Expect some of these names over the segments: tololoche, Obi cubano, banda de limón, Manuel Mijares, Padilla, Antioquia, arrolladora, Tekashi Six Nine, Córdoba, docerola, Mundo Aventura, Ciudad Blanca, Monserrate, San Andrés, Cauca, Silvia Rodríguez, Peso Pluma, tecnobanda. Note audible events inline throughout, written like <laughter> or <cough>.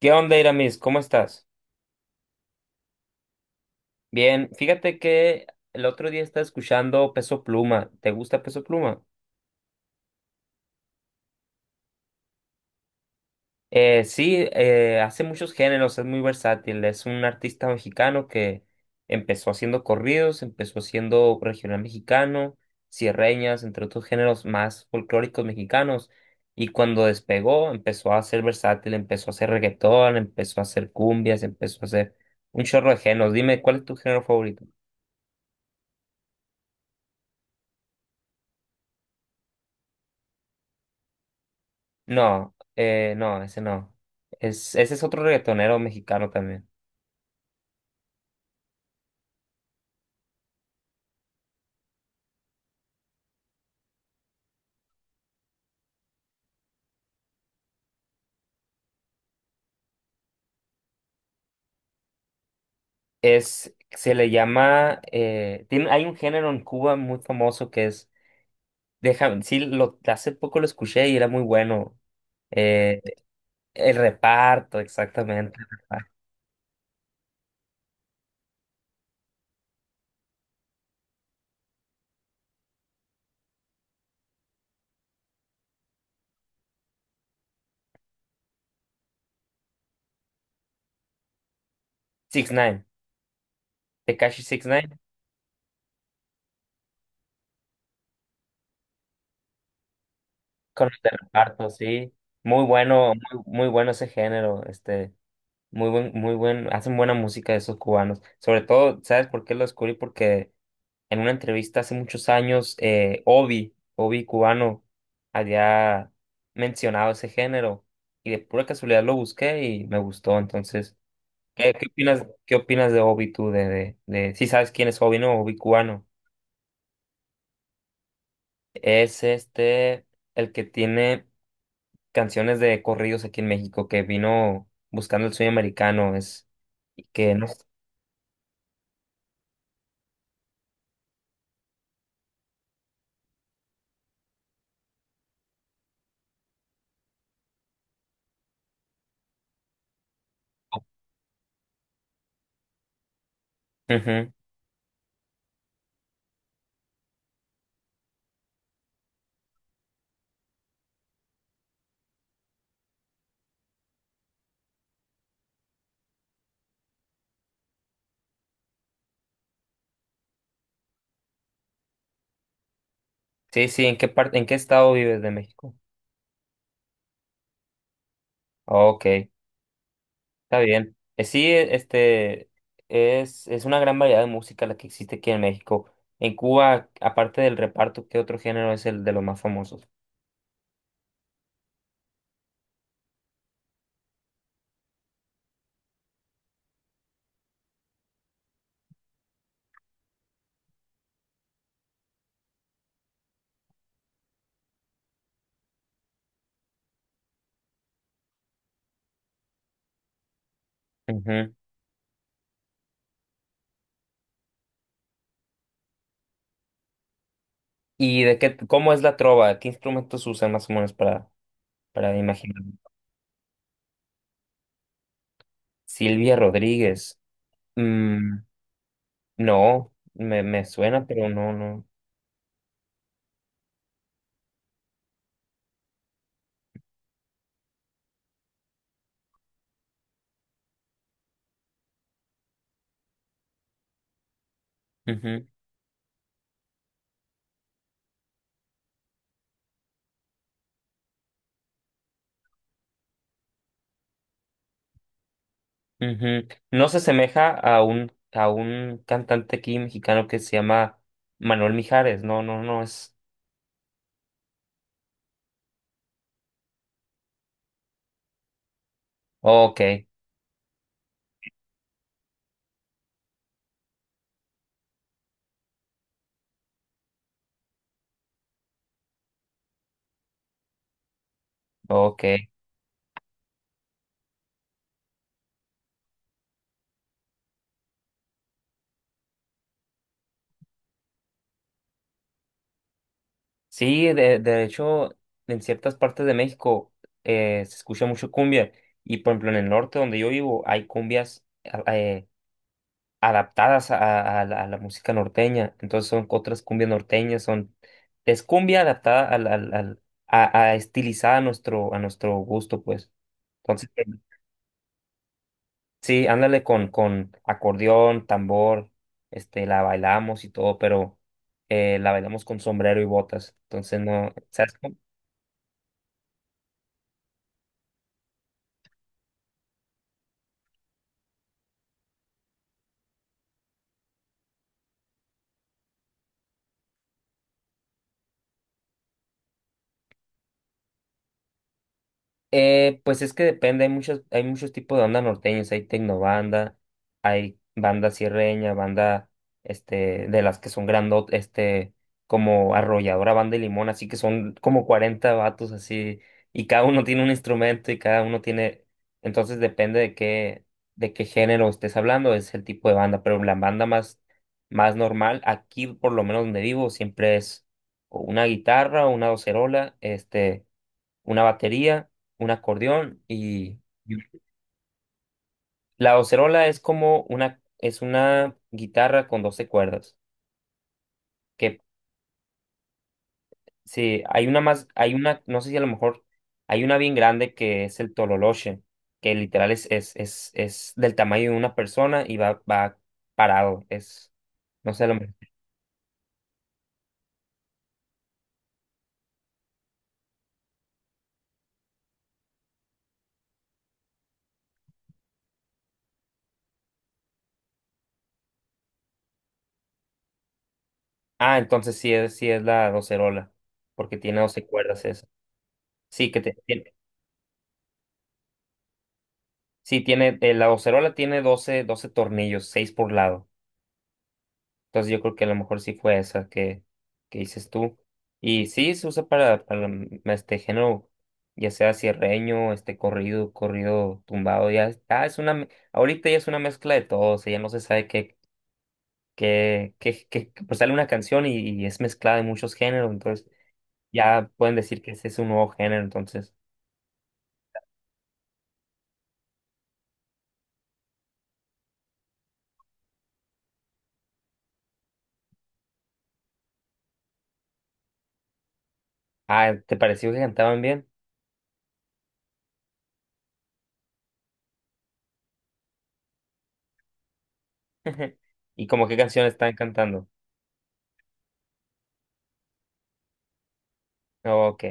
¿Qué onda, Iramis? ¿Cómo estás? Bien, fíjate que el otro día estaba escuchando Peso Pluma. ¿Te gusta Peso Pluma? Sí, hace muchos géneros, es muy versátil. Es un artista mexicano que empezó haciendo corridos, empezó haciendo regional mexicano, sierreñas, entre otros géneros más folclóricos mexicanos. Y cuando despegó, empezó a ser versátil, empezó a hacer reggaetón, empezó a hacer cumbias, empezó a hacer un chorro de géneros. Dime, ¿cuál es tu género favorito? No, no, ese no. Es, ese es otro reggaetonero mexicano también. Es, se le llama, tiene, hay un género en Cuba muy famoso que es, déjame, sí, lo, hace poco lo escuché y era muy bueno. Eh, el reparto, exactamente. El reparto. Six Nine, Tekashi Six Nine, con el de reparto, sí. Muy bueno, muy, muy bueno ese género, este, muy buen, hacen buena música esos cubanos. Sobre todo, ¿sabes por qué lo descubrí? Porque en una entrevista hace muchos años, Obi, Obi cubano, había mencionado ese género y de pura casualidad lo busqué y me gustó. Entonces, ¿qué, qué opinas de Obi tú? De, si sabes quién es Obi, ¿no? Obi cubano. Es este el que tiene canciones de corridos aquí en México, que vino buscando el sueño americano, es y que no. Ujú. Sí, sí, ¿en qué parte, en qué estado vives de México? Ok. Está bien. Sí, este es una gran variedad de música la que existe aquí en México. En Cuba, aparte del reparto, ¿qué otro género es el de los más famosos? Ujú. ¿Y de qué, cómo es la trova? ¿Qué instrumentos usan más o menos para imaginar? Silvia Rodríguez. Mm, no, me, me suena, pero no, no. Ujú, ujú. No se asemeja a un cantante aquí mexicano que se llama Manuel Mijares. No, no, no es. Ok, ok. Sí, de hecho, en ciertas partes de México se escucha mucho cumbia. Y por ejemplo, en el norte donde yo vivo hay cumbias a- adaptadas a la música norteña. Entonces son otras cumbias norteñas, son, es cumbia adaptada al, al, al- a estilizada a nuestro gusto, pues. Entonces, sí, ándale con acordeón, tambor, este, la bailamos y todo, pero la bailamos con sombrero y botas. Entonces no, ¿sabes? Pues es que depende, hay muchos tipos de banda norteños, hay tecnobanda, hay banda sierreña, banda, este, de las que son grandot, este, como arrolladora, banda de limón, así que son como 40 vatos así, y cada uno tiene un instrumento y cada uno tiene, entonces depende de qué género estés hablando, es el tipo de banda, pero la banda más, más normal, aquí por lo menos donde vivo, siempre es o una guitarra, o una docerola, este una batería, un acordeón y la docerola es como una es una guitarra con 12 cuerdas, que sí, hay una más hay una no sé si a lo mejor hay una bien grande que es el tololoche, que literal es, es del tamaño de una persona y va parado, es no sé a lo mejor. Ah, entonces sí es la docerola, porque tiene 12 cuerdas esa. Sí, que te- tiene, sí tiene la docerola tiene 12 tornillos, 6 por lado. Entonces yo creo que a lo mejor sí fue esa que dices tú. Y sí, se usa para este género, ya sea cierreño, este corrido, corrido tumbado, ya, es- ah, es una, me- ahorita ya es una mezcla de todo, o sea, ya no se sabe qué, qué, qué, qué- qué- pues sale una canción y es mezclada de muchos géneros, entonces ya pueden decir que ese es un nuevo género, entonces, ah, ¿te pareció que cantaban bien? <laughs> ¿Y como qué canción estaban cantando? Ok,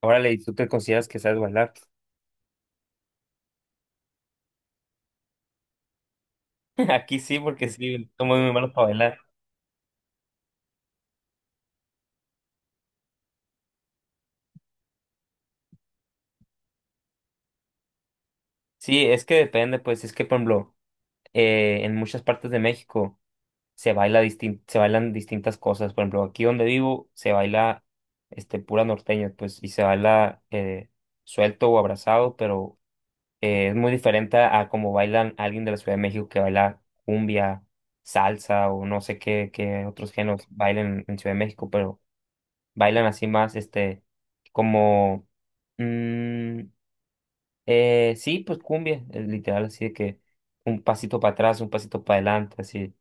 órale, ¿y tú te consideras que sabes bailar? <laughs> Aquí sí, porque sí, somos muy malos para bailar. Sí, es que depende, pues, es que, por ejemplo, en muchas partes de México se baila distin- se bailan distintas cosas. Por ejemplo, aquí donde vivo se baila este, pura norteña, pues, y se baila suelto o abrazado, pero es muy diferente a como bailan alguien de la Ciudad de México que baila cumbia, salsa o no sé qué, qué otros géneros bailan en Ciudad de México, pero bailan así más, este, como... mm, sí, pues cumbia, es literal, así de que un pasito para atrás, un pasito para adelante, así.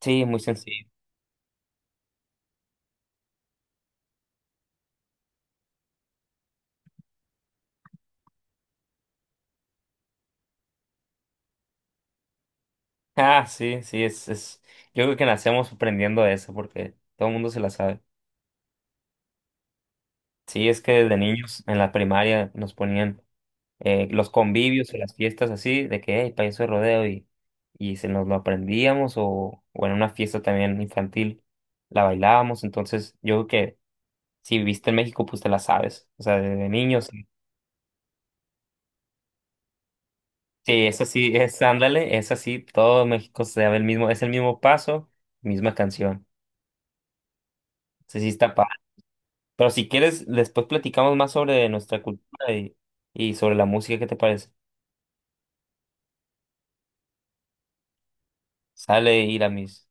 Sí, es muy sencillo. <laughs> Ah, sí, sí, es, es. Yo creo que nacemos aprendiendo eso porque todo el mundo se la sabe. Sí, es que desde niños en la primaria nos ponían los convivios o las fiestas así, de que, hey, payaso de rodeo y se nos lo aprendíamos o en una fiesta también infantil la bailábamos. Entonces, yo creo que si viviste en México, pues te la sabes. O sea, desde niños sí, es así, es, ándale, es así, todo México se da el mismo, es el mismo paso, misma canción. Sí, sí está padre. Pero si quieres, después platicamos más sobre nuestra cultura y sobre la música, ¿qué te parece? Sale, Iramis.